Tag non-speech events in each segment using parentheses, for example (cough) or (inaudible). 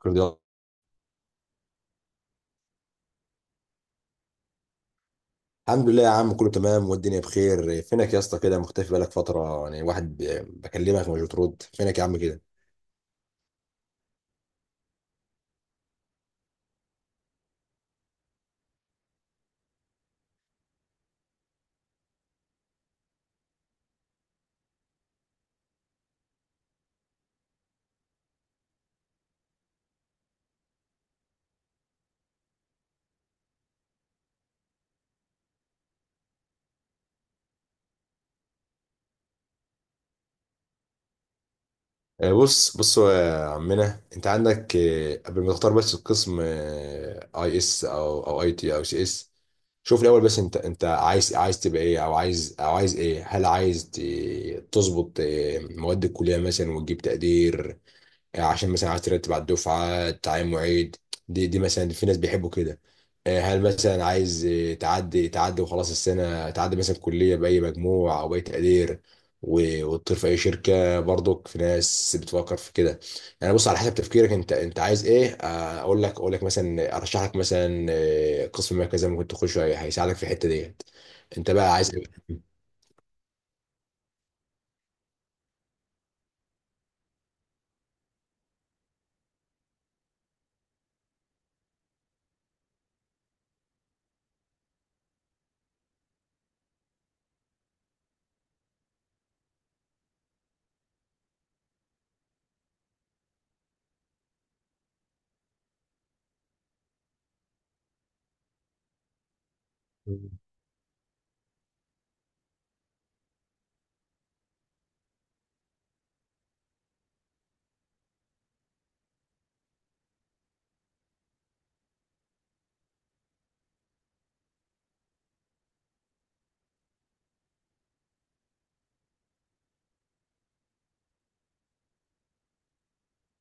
كل ده. الحمد لله يا عم، كله تمام والدنيا بخير. فينك يا اسطى كده؟ مختفي بقالك فترة يعني، واحد بكلمك مش بترد. فينك يا عم كده؟ بص بص يا عمنا، انت عندك قبل ما تختار بس القسم اي اس او اي تي او سي اس، شوف الاول بس انت عايز تبقى ايه، او عايز ايه. هل عايز تظبط مواد الكلية مثلا وتجيب تقدير عشان مثلا عايز ترتب على الدفعه تعين معيد؟ دي مثلا في ناس بيحبوا كده. هل مثلا عايز تعدي وخلاص السنه، تعدي مثلا كليه باي مجموع او باي تقدير، وتطير في اي شركه؟ برضك في ناس بتفكر في كده. يعني بص، على حسب تفكيرك انت عايز ايه. اقول لك مثلا ارشح لك مثلا قسم ما كذا ممكن تخشه، هيساعدك في الحته ديت. انت بقى عايز ايه؟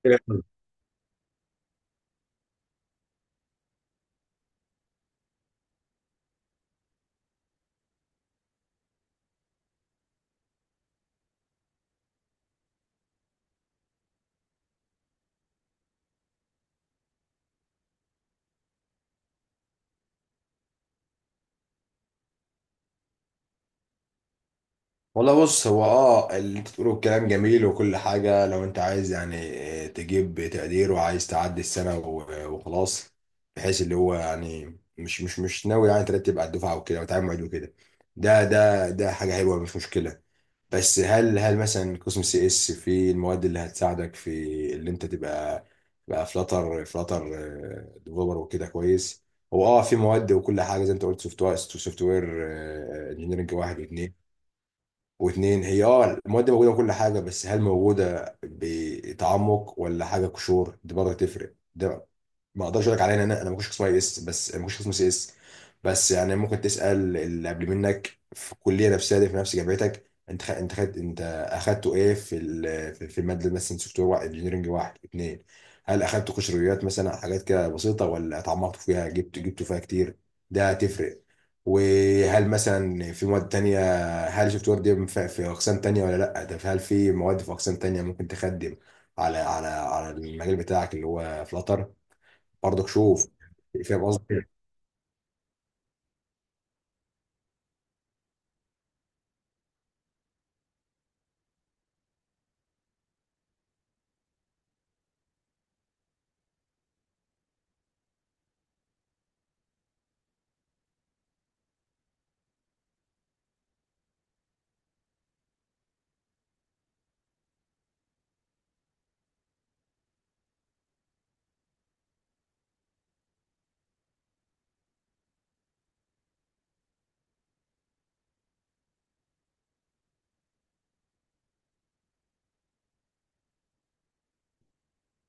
(laughs) والله بص، هو اللي انت بتقوله الكلام جميل وكل حاجة. لو انت عايز يعني تجيب تقدير وعايز تعدي السنة وخلاص، بحيث اللي هو يعني مش ناوي يعني ترتب على الدفعة وكده وتعامل معيد وكده، ده حاجة حلوة مش مشكلة. بس هل مثلا قسم سي اس في المواد اللي هتساعدك في اللي انت تبقى بقى فلاتر ديفلوبر وكده كويس؟ هو في مواد وكل حاجه زي انت قلت، سوفت وير انجينيرنج واحد واتنين، هي المواد دي موجودة وكل حاجة، بس هل موجودة بتعمق ولا حاجة قشور؟ دي برضه تفرق. ده ما اقدرش اقول لك عليها، لأن انا ما كنتش قسم اي اس، بس ما كنتش قسم سي اس. بس يعني ممكن تسأل اللي قبل منك في الكلية نفسها دي، في نفس جامعتك. انت خ... انت خدت انت اخدته ايه في في المادة، مثلا سوفت وير واحد انجينيرنج واحد اتنين؟ هل اخدت قشريات، مثلا حاجات كده بسيطة، ولا اتعمقت فيها، جبتوا فيها كتير؟ ده هتفرق. وهل مثلا في مواد تانية، هل شفت وردي في اقسام تانية ولا لا؟ هل في مواد في اقسام تانية ممكن تخدم على المجال بتاعك اللي هو فلاتر؟ برضك شوف، فاهم قصدي.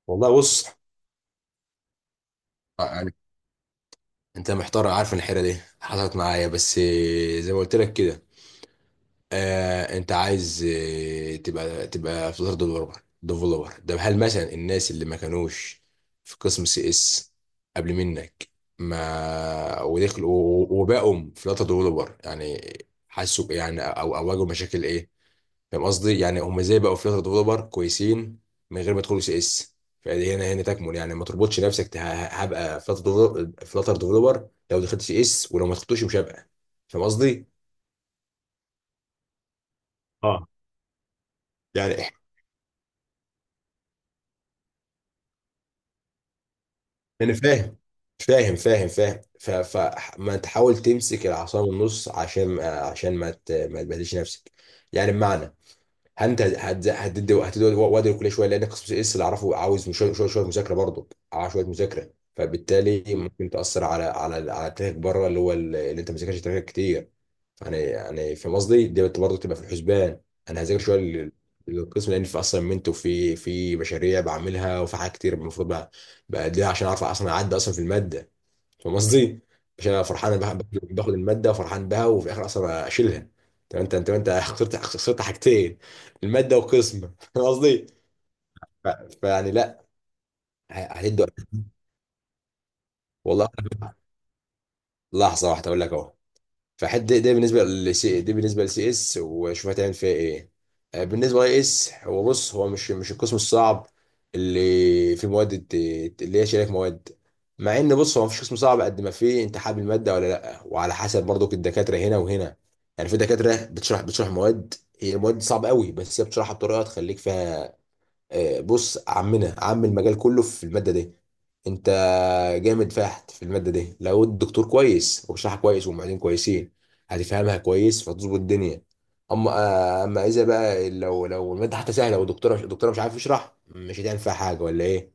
والله بص، يعني انت محتار، عارف إن الحيره دي حصلت معايا، بس زي ما قلت لك كده، انت عايز تبقى فلاتر ديفلوبر. ده هل مثلا الناس اللي ما كانوش في قسم سي اس قبل منك، ما ودخلوا وبقوا فلاتر ديفلوبر، يعني حسوا بإيه يعني، او او واجهوا مشاكل ايه؟ فاهم قصدي؟ يعني هم ازاي بقوا فلاتر ديفلوبر كويسين من غير ما يدخلوا سي اس؟ فدي هنا، تكمن يعني. ما تربطش نفسك. هبقى فلاتر ديفلوبر لو دخلت سي اس، ولو ما دخلتوش مش هبقى، فاهم قصدي؟ اه يعني انا فاهم. فما تحاول تمسك العصا من النص، عشان ما تبهدلش نفسك. يعني بمعنى، انت هتدي وقت كل شويه، لان قسم اس اللي اعرفه عاوز، شويه شويه مذاكره برضه، عاوز شويه مذاكره. فبالتالي ممكن تاثر على تاريخك بره، اللي هو اللي انت ما ذاكرتش تاريخك كتير يعني. يعني فاهم قصدي؟ دي برضه تبقى في الحسبان. انا هذاكر شويه، للقسم، لان في اصلا منتو في مشاريع بعملها، وفي حاجات كتير المفروض بقى بأديها عشان اعرف اصلا اعدي اصلا في الماده. فاهم قصدي؟ عشان انا فرحان أنا باخد الماده وفرحان بها، وفي الاخر اصلا اشيلها. طب انت خسرت حاجتين، الماده والقسم. (laughs) فاهم قصدي؟ ف- فيعني لا. ه- هتدوا. والله لحظه واحده اقول لك اهو. فحد ده، بالنسبه لسي اس، وشوف هتعمل فيها ايه. بالنسبه لاي اس، هو بص، هو مش القسم الصعب اللي في مواد، اللي هي شريك مواد. مع ان بص، هو مفيش قسم صعب، قد ما فيه انت حابب الماده ولا لا، وعلى حسب برضك الدكاتره هنا وهنا. يعني في دكاتره بتشرح مواد هي المواد صعبه قوي، بس هي بتشرحها بطريقه تخليك فيها بص، عمنا، عم المجال كله في المادة دي. انت جامد فاحت في المادة دي لو الدكتور كويس وبيشرحها كويس والمعيدين كويسين، هتفهمها كويس فتظبط الدنيا. اما اذا بقى، لو المادة حتى سهلة والدكتورة مش الدكتورة مش عارف يشرح، مش هتعمل فيها حاجة ولا ايه.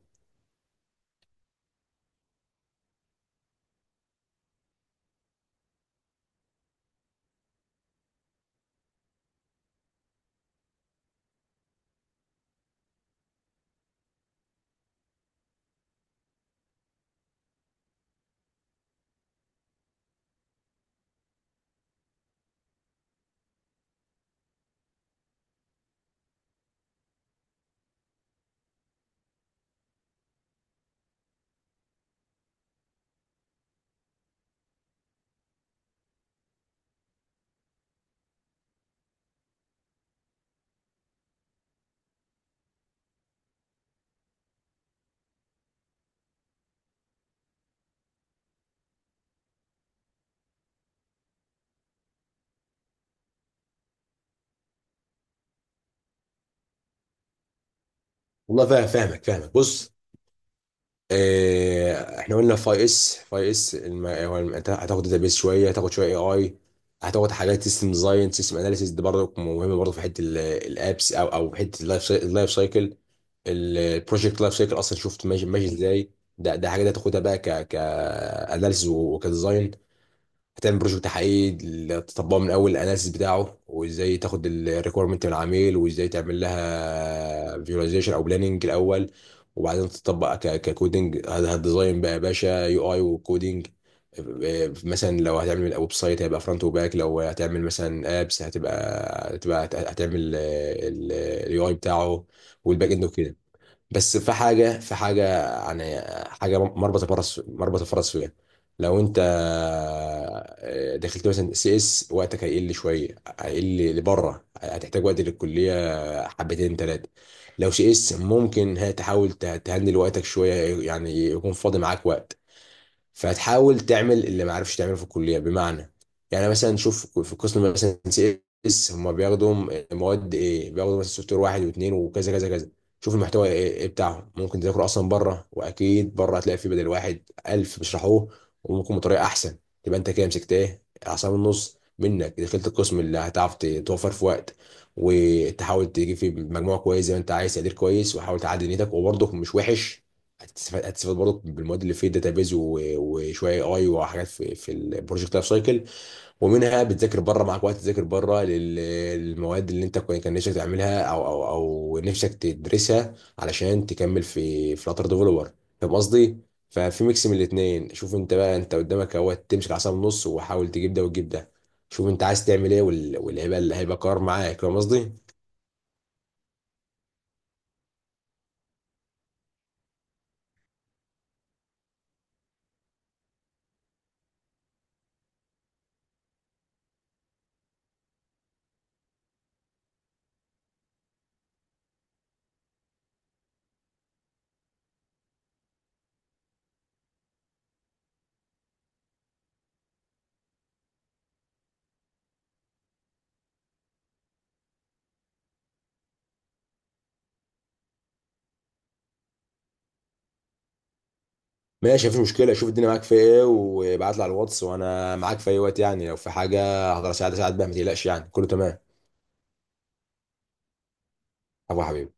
والله فاهم، فاهمك، بص. احنا قلنا، فاي اس، انت هتاخد داتابيس شويه، هتاخد شويه اي، هتاخد حاجات سيستم ديزاين، سيستم اناليسيس. دي برضه مهمه برضه في حته الابس، او في حته اللايف سايكل. البروجكت لايف سايكل اصلا، شفت ماشي ماشي ازاي؟ ده حاجه ده تاخدها بقى ك اناليسيس وكديزاين. هتعمل بروجكت حقيقي تطبقه من اول الاناليسيس بتاعه، وازاي تاخد الريكويرمنت من العميل، وازاي تعمل لها فيجواليزيشن او بلاننج الاول، وبعدين تطبق ككودنج. هتديزاين بقى يا باشا يو اي، وكودنج. مثلا لو هتعمل ويب سايت هيبقى فرونت وباك. لو هتعمل مثلا ابس، هتبقى هتعمل اليو اي بتاعه والباك اند وكده. بس في حاجة، يعني حاجة، مربط الفرس، مربط الفرس فيها. لو انت دخلت مثلا سي اس، وقتك هيقل شوية، هيقل لبره. هتحتاج وقت للكلية، حبتين تلاتة. لو سي اس ممكن هي تحاول تهندل وقتك شوية، يعني يكون فاضي معاك وقت، فتحاول تعمل اللي ما عرفش تعمله في الكليه. بمعنى، يعني مثلا شوف، في قسم مثلا سي اس، هم بياخدوا مواد ايه؟ بياخدوا مثلا سوفت وير واحد واثنين وكذا كذا كذا. شوف المحتوى ايه بتاعهم، ممكن تذاكره اصلا بره، واكيد بره هتلاقي فيه بدل واحد ألف بيشرحوه، وممكن بطريقه احسن. تبقى انت كده مسكت ايه، اعصاب النص. منك دخلت القسم اللي هتعرف توفر في وقت، وتحاول تجيب فيه مجموع كويس زي ما انت عايز تقدير كويس، وحاول تعدي نيتك. وبرضه مش وحش، هتستفاد برضك بالمواد اللي في الداتابيز، وشويه اي، وحاجات في البروجكت لايف سايكل. ومنها بتذاكر بره، معاك وقت تذاكر بره للمواد اللي انت كان نفسك تعملها، او نفسك تدرسها علشان تكمل في فلاتر ديفلوبر. فاهم قصدي؟ ففي ميكس من الاثنين، شوف انت بقى. انت قدامك اهو، تمسك العصا من النص وحاول تجيب ده وتجيب ده. شوف انت عايز تعمل ايه، واللي هيبقى، اللي هيبقى قرار معاك. فاهم قصدي؟ ماشي، مفيش مشكله. شوف الدنيا معاك في ايه وابعت لي على الواتس، وانا معاك في اي وقت يعني. لو في حاجه هقدر اساعد، اساعد بيها. ما تقلقش يعني، كله تمام. عفو يا حبيبي.